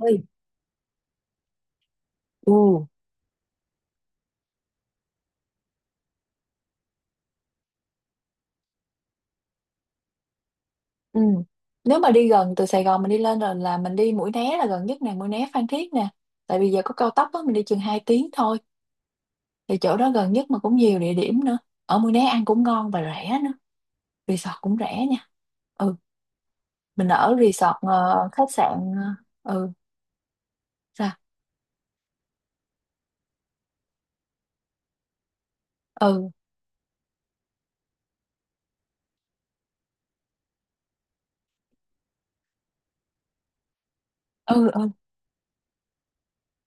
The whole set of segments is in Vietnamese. Ôi, ừ. Ừ. Nếu mà đi gần từ Sài Gòn mình đi lên rồi là mình đi Mũi Né là gần nhất nè, Mũi Né Phan Thiết nè. Tại vì giờ có cao tốc á, mình đi chừng 2 tiếng thôi. Thì chỗ đó gần nhất mà cũng nhiều địa điểm nữa. Ở Mũi Né ăn cũng ngon và rẻ nữa. Resort cũng rẻ nha. Ừ, mình ở resort, khách sạn, ừ, sao? Ừ, ừ, ừ.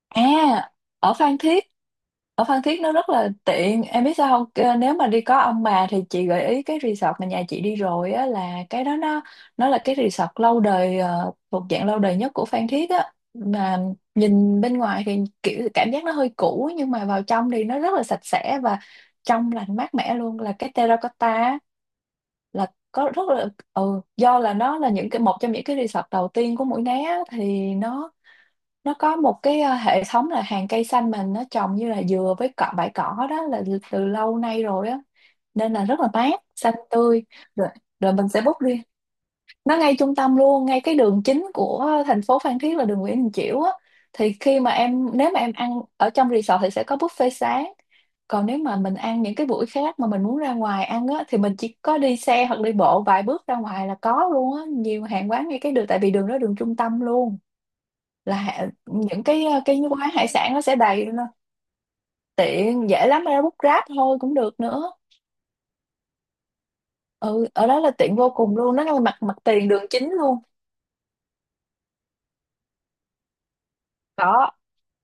À, ở Phan Thiết, ở Phan Thiết nó rất là tiện. Em biết sao không? Nếu mà đi có ông bà thì chị gợi ý cái resort mà nhà chị đi rồi á, là cái đó nó là cái resort lâu đời, thuộc dạng lâu đời nhất của Phan Thiết á. Mà nhìn bên ngoài thì kiểu cảm giác nó hơi cũ, nhưng mà vào trong thì nó rất là sạch sẽ và trong lành mát mẻ luôn, là cái Terracotta á, là có rất là do là nó là những cái một trong những cái resort đầu tiên của Mũi Né á. Thì nó có một cái, hệ thống là hàng cây xanh mình nó trồng như là dừa với cọ, bãi cỏ đó, là từ lâu nay rồi á, nên là rất là mát, xanh tươi. Rồi rồi mình sẽ book riêng. Nó ngay trung tâm luôn, ngay cái đường chính của thành phố Phan Thiết là đường Nguyễn Đình Chiểu á. Thì khi mà em nếu mà em ăn ở trong resort thì sẽ có buffet sáng, còn nếu mà mình ăn những cái buổi khác mà mình muốn ra ngoài ăn á, thì mình chỉ có đi xe hoặc đi bộ vài bước ra ngoài là có luôn á, nhiều hàng quán ngay cái đường, tại vì đường đó đường trung tâm luôn, là những cái quán hải sản nó sẽ đầy lên. Tiện, dễ lắm, ra bút ráp thôi cũng được nữa. Ừ, ở đó là tiện vô cùng luôn, nó là mặt mặt tiền đường chính luôn. có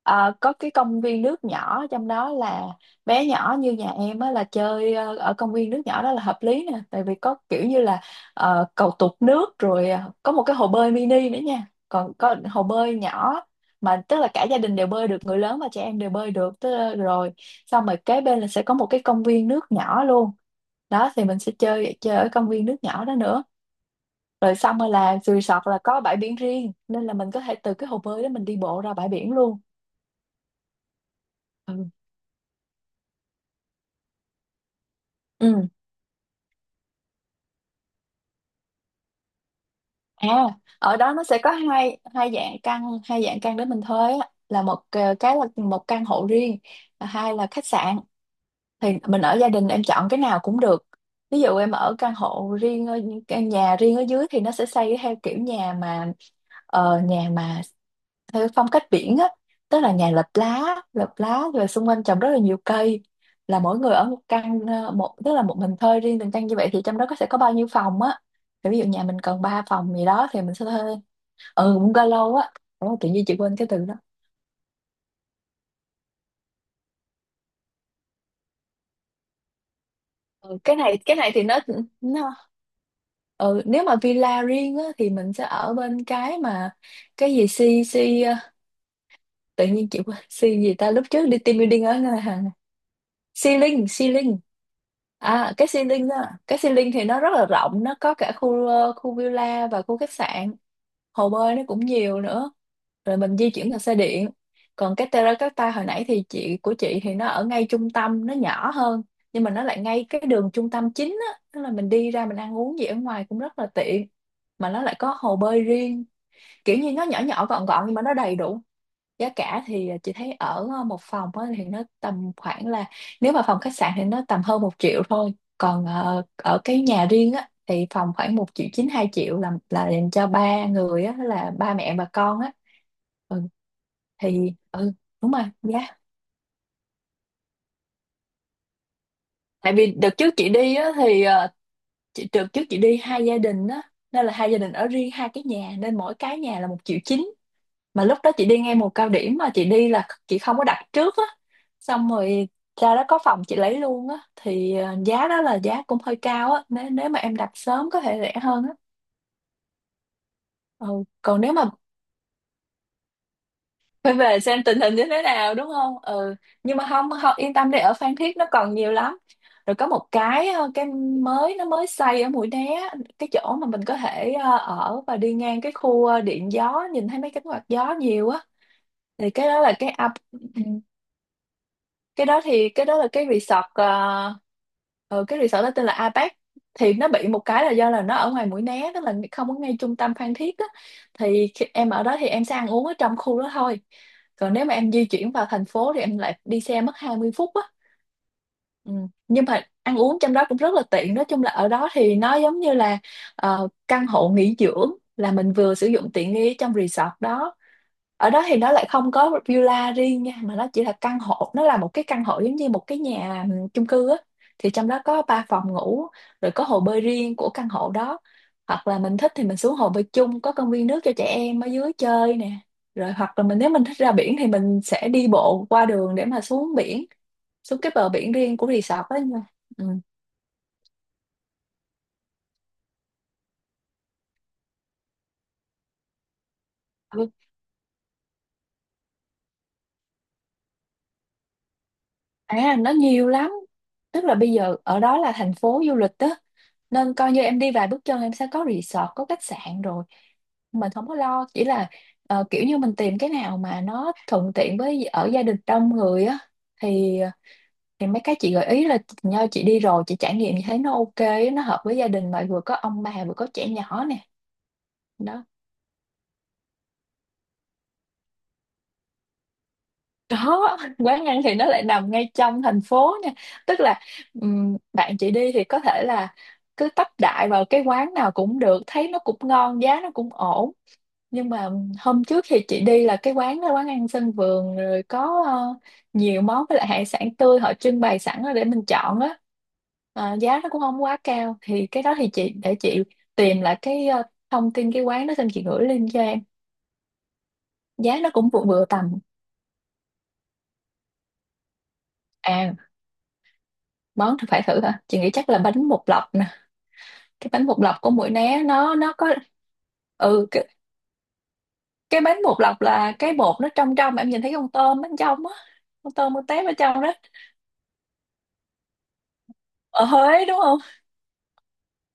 Ờ, có Cái công viên nước nhỏ trong đó, là bé nhỏ như nhà em á là chơi ở công viên nước nhỏ đó là hợp lý nè, tại vì có kiểu như là, cầu tụt nước rồi, có một cái hồ bơi mini nữa nha, còn có hồ bơi nhỏ mà tức là cả gia đình đều bơi được, người lớn và trẻ em đều bơi được, tức là, rồi xong rồi kế bên là sẽ có một cái công viên nước nhỏ luôn. Đó, thì mình sẽ chơi chơi ở công viên nước nhỏ đó nữa. Rồi xong rồi là resort là có bãi biển riêng, nên là mình có thể từ cái hồ bơi đó mình đi bộ ra bãi biển luôn. Ừ. Ừ. À, ở đó nó sẽ có hai hai dạng căn để mình thuê á, là một, cái là một căn hộ riêng, và hai là khách sạn. Thì mình ở gia đình em chọn cái nào cũng được. Ví dụ em ở căn nhà riêng ở dưới thì nó sẽ xây theo kiểu nhà mà, ờ, nhà mà theo cái phong cách biển á, tức là nhà lợp lá rồi xung quanh trồng rất là nhiều cây, là mỗi người ở một căn, ờ, một tức là một mình thuê riêng từng căn như vậy, thì trong đó sẽ có bao nhiêu phòng á. Thì ví dụ nhà mình cần 3 phòng gì đó thì mình sẽ thuê. Ừ, bungalow á. Ủa, tự nhiên chị quên cái từ đó. Ừ, cái này thì nó ừ, nếu mà villa riêng á thì mình sẽ ở bên cái mà, cái gì, si si, tự nhiên chị quên si gì ta, lúc trước đi team building ở ngân hàng. Xi Linh, Xi Linh. À, cái Xi Linh thì nó rất là rộng, nó có cả khu, khu villa và khu khách sạn, hồ bơi nó cũng nhiều nữa. Rồi mình di chuyển bằng xe điện. Còn cái Terracotta hồi nãy thì chị, của chị, thì nó ở ngay trung tâm, nó nhỏ hơn, nhưng mà nó lại ngay cái đường trung tâm chính á, tức là mình đi ra mình ăn uống gì ở ngoài cũng rất là tiện, mà nó lại có hồ bơi riêng. Kiểu như nó nhỏ nhỏ gọn gọn nhưng mà nó đầy đủ. Giá cả thì chị thấy ở một phòng á thì nó tầm khoảng là, nếu mà phòng khách sạn thì nó tầm hơn một triệu thôi, còn ở cái nhà riêng á thì phòng khoảng một triệu chín, hai triệu, là dành cho ba người á, là ba mẹ và con á. Ừ, thì ừ. Đúng rồi, giá. Tại vì đợt trước chị đi á thì, đợt trước chị đi hai gia đình á, nên là hai gia đình ở riêng hai cái nhà, nên mỗi cái nhà là một triệu chín. Mà lúc đó chị đi ngay mùa cao điểm mà, chị đi là chị không có đặt trước á, xong rồi ra đó có phòng chị lấy luôn á, thì giá đó là giá cũng hơi cao á, nếu nếu mà em đặt sớm có thể rẻ hơn á. Ừ, còn nếu mà phải về xem tình hình như thế nào, đúng không, ừ. Nhưng mà không, không, yên tâm đi, ở Phan Thiết nó còn nhiều lắm. Rồi có một cái mới, nó mới xây ở Mũi Né, cái chỗ mà mình có thể, ở và đi ngang cái khu, điện gió, nhìn thấy mấy cánh quạt gió nhiều á. Thì cái đó là cái up ừ, cái đó thì cái đó là cái resort đó tên là Apex. Thì nó bị một cái là do là nó ở ngoài Mũi Né, tức là không có ngay trung tâm Phan Thiết á. Thì khi em ở đó thì em sẽ ăn uống ở trong khu đó thôi, còn nếu mà em di chuyển vào thành phố thì em lại đi xe mất 20 phút á. Ừ. Nhưng mà ăn uống trong đó cũng rất là tiện, nói chung là ở đó thì nó giống như là, căn hộ nghỉ dưỡng, là mình vừa sử dụng tiện nghi trong resort đó. Ở đó thì nó lại không có villa riêng nha, mà nó chỉ là căn hộ, nó là một cái căn hộ giống như một cái nhà chung cư á. Thì trong đó có ba phòng ngủ, rồi có hồ bơi riêng của căn hộ đó, hoặc là mình thích thì mình xuống hồ bơi chung, có công viên nước cho trẻ em ở dưới chơi nè. Rồi hoặc là nếu mình thích ra biển thì mình sẽ đi bộ qua đường để mà xuống biển, xuống cái bờ biển riêng của resort đó nha. Ừ. À, nó nhiều lắm. Tức là bây giờ ở đó là thành phố du lịch đó, nên coi như em đi vài bước chân em sẽ có resort, có khách sạn rồi. Mình không có lo. Chỉ là, kiểu như mình tìm cái nào mà nó thuận tiện với ở gia đình đông người á. Thì mấy cái chị gợi ý là nho, chị đi rồi chị trải nghiệm, chị thấy nó OK á, nó hợp với gia đình mà vừa có ông bà vừa có trẻ nhỏ nè. Đó. Quán ăn thì nó lại nằm ngay trong thành phố nha, tức là bạn chị đi thì có thể là cứ tấp đại vào cái quán nào cũng được, thấy nó cũng ngon, giá nó cũng ổn. Nhưng mà hôm trước thì chị đi là cái quán đó quán ăn sân vườn, rồi có, nhiều món, với lại hải sản tươi họ trưng bày sẵn đó để mình chọn á. Ờ, giá nó cũng không quá cao. Thì cái đó thì chị để chị tìm lại cái, thông tin cái quán đó xong chị gửi link cho em. Giá nó cũng vừa vừa tầm. À, món thì phải thử hả, chị nghĩ chắc là bánh bột lọc nè. Cái bánh bột lọc của Mũi Né nó có. Ừ, cái bánh bột lọc là cái bột nó trong trong em nhìn thấy con tôm bên trong á, con tôm con tép ở trong đó. Ở Huế đúng không.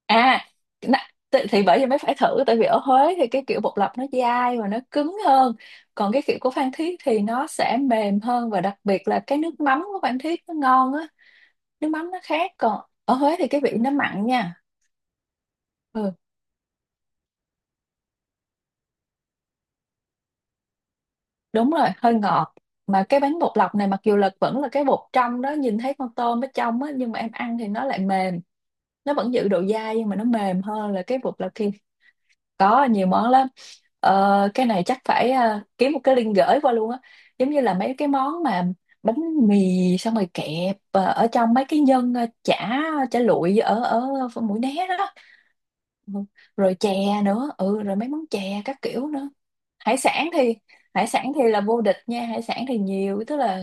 À, nè, thì, bởi vì mới phải thử, tại vì ở Huế thì cái kiểu bột lọc nó dai và nó cứng hơn, còn cái kiểu của Phan Thiết thì nó sẽ mềm hơn, và đặc biệt là cái nước mắm của Phan Thiết nó ngon á. Nước mắm nó khác, còn ở Huế thì cái vị nó mặn nha. Ừ. Đúng rồi, hơi ngọt. Mà cái bánh bột lọc này mặc dù là vẫn là cái bột trong đó, nhìn thấy con tôm ở trong á, nhưng mà em ăn thì nó lại mềm. Nó vẫn giữ độ dai nhưng mà nó mềm hơn là cái bột lọc kia. Có nhiều món lắm. Ờ, cái này chắc phải, kiếm một cái link gửi qua luôn á. Giống như là mấy cái món mà, bánh mì xong rồi kẹp, ở trong mấy cái nhân, chả chả lụi ở ở ờ, Mũi Né đó. Ừ. Rồi chè nữa, ừ, rồi mấy món chè các kiểu nữa. Hải sản thì, là vô địch nha, hải sản thì nhiều, tức là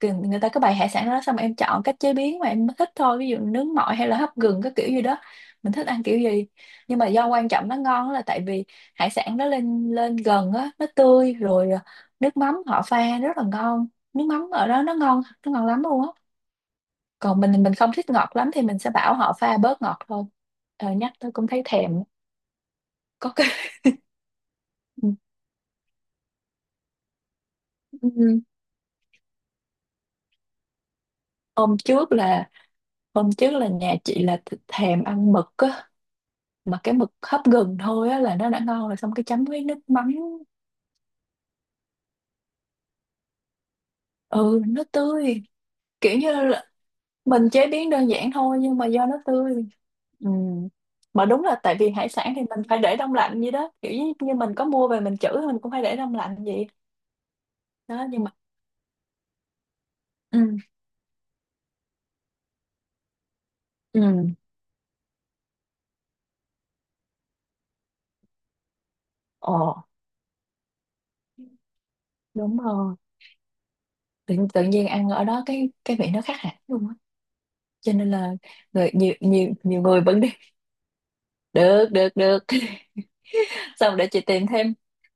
người ta có bày hải sản đó, xong em chọn cách chế biến mà em thích thôi, ví dụ nướng mọi hay là hấp gừng các kiểu gì đó, mình thích ăn kiểu gì. Nhưng mà do quan trọng nó ngon là tại vì hải sản nó lên lên gần á, nó tươi rồi. À, nước mắm họ pha rất là ngon, nước mắm ở đó nó ngon, nó ngon lắm luôn á. Còn mình, không thích ngọt lắm thì mình sẽ bảo họ pha bớt ngọt thôi. Ờ, nhắc tôi cũng thấy thèm. Có cái ừ. ôm trước là Hôm trước là nhà chị là thèm ăn mực á, mà cái mực hấp gừng thôi á là nó đã ngon rồi, xong cái chấm với nước mắm. Ừ, nó tươi. Kiểu như là mình chế biến đơn giản thôi nhưng mà do nó tươi. Ừ. Mà đúng là tại vì hải sản thì mình phải để đông lạnh vậy đó, kiểu như, mình có mua về mình trữ mình cũng phải để đông lạnh vậy. Đó. Nhưng mà, ừ, ừ, ồ, đúng rồi. Tự nhiên ăn ở đó cái vị nó khác hẳn luôn á. Cho nên là người nhiều nhiều nhiều người vẫn đi được, được, được. Xong để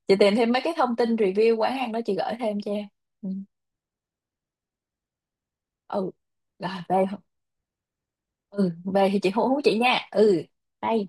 chị tìm thêm mấy cái thông tin review quán ăn đó chị gửi thêm cho em. Ừ, ừ. Rồi về. Ừ, về thì chị hú hú chị nha. Ừ. Đây.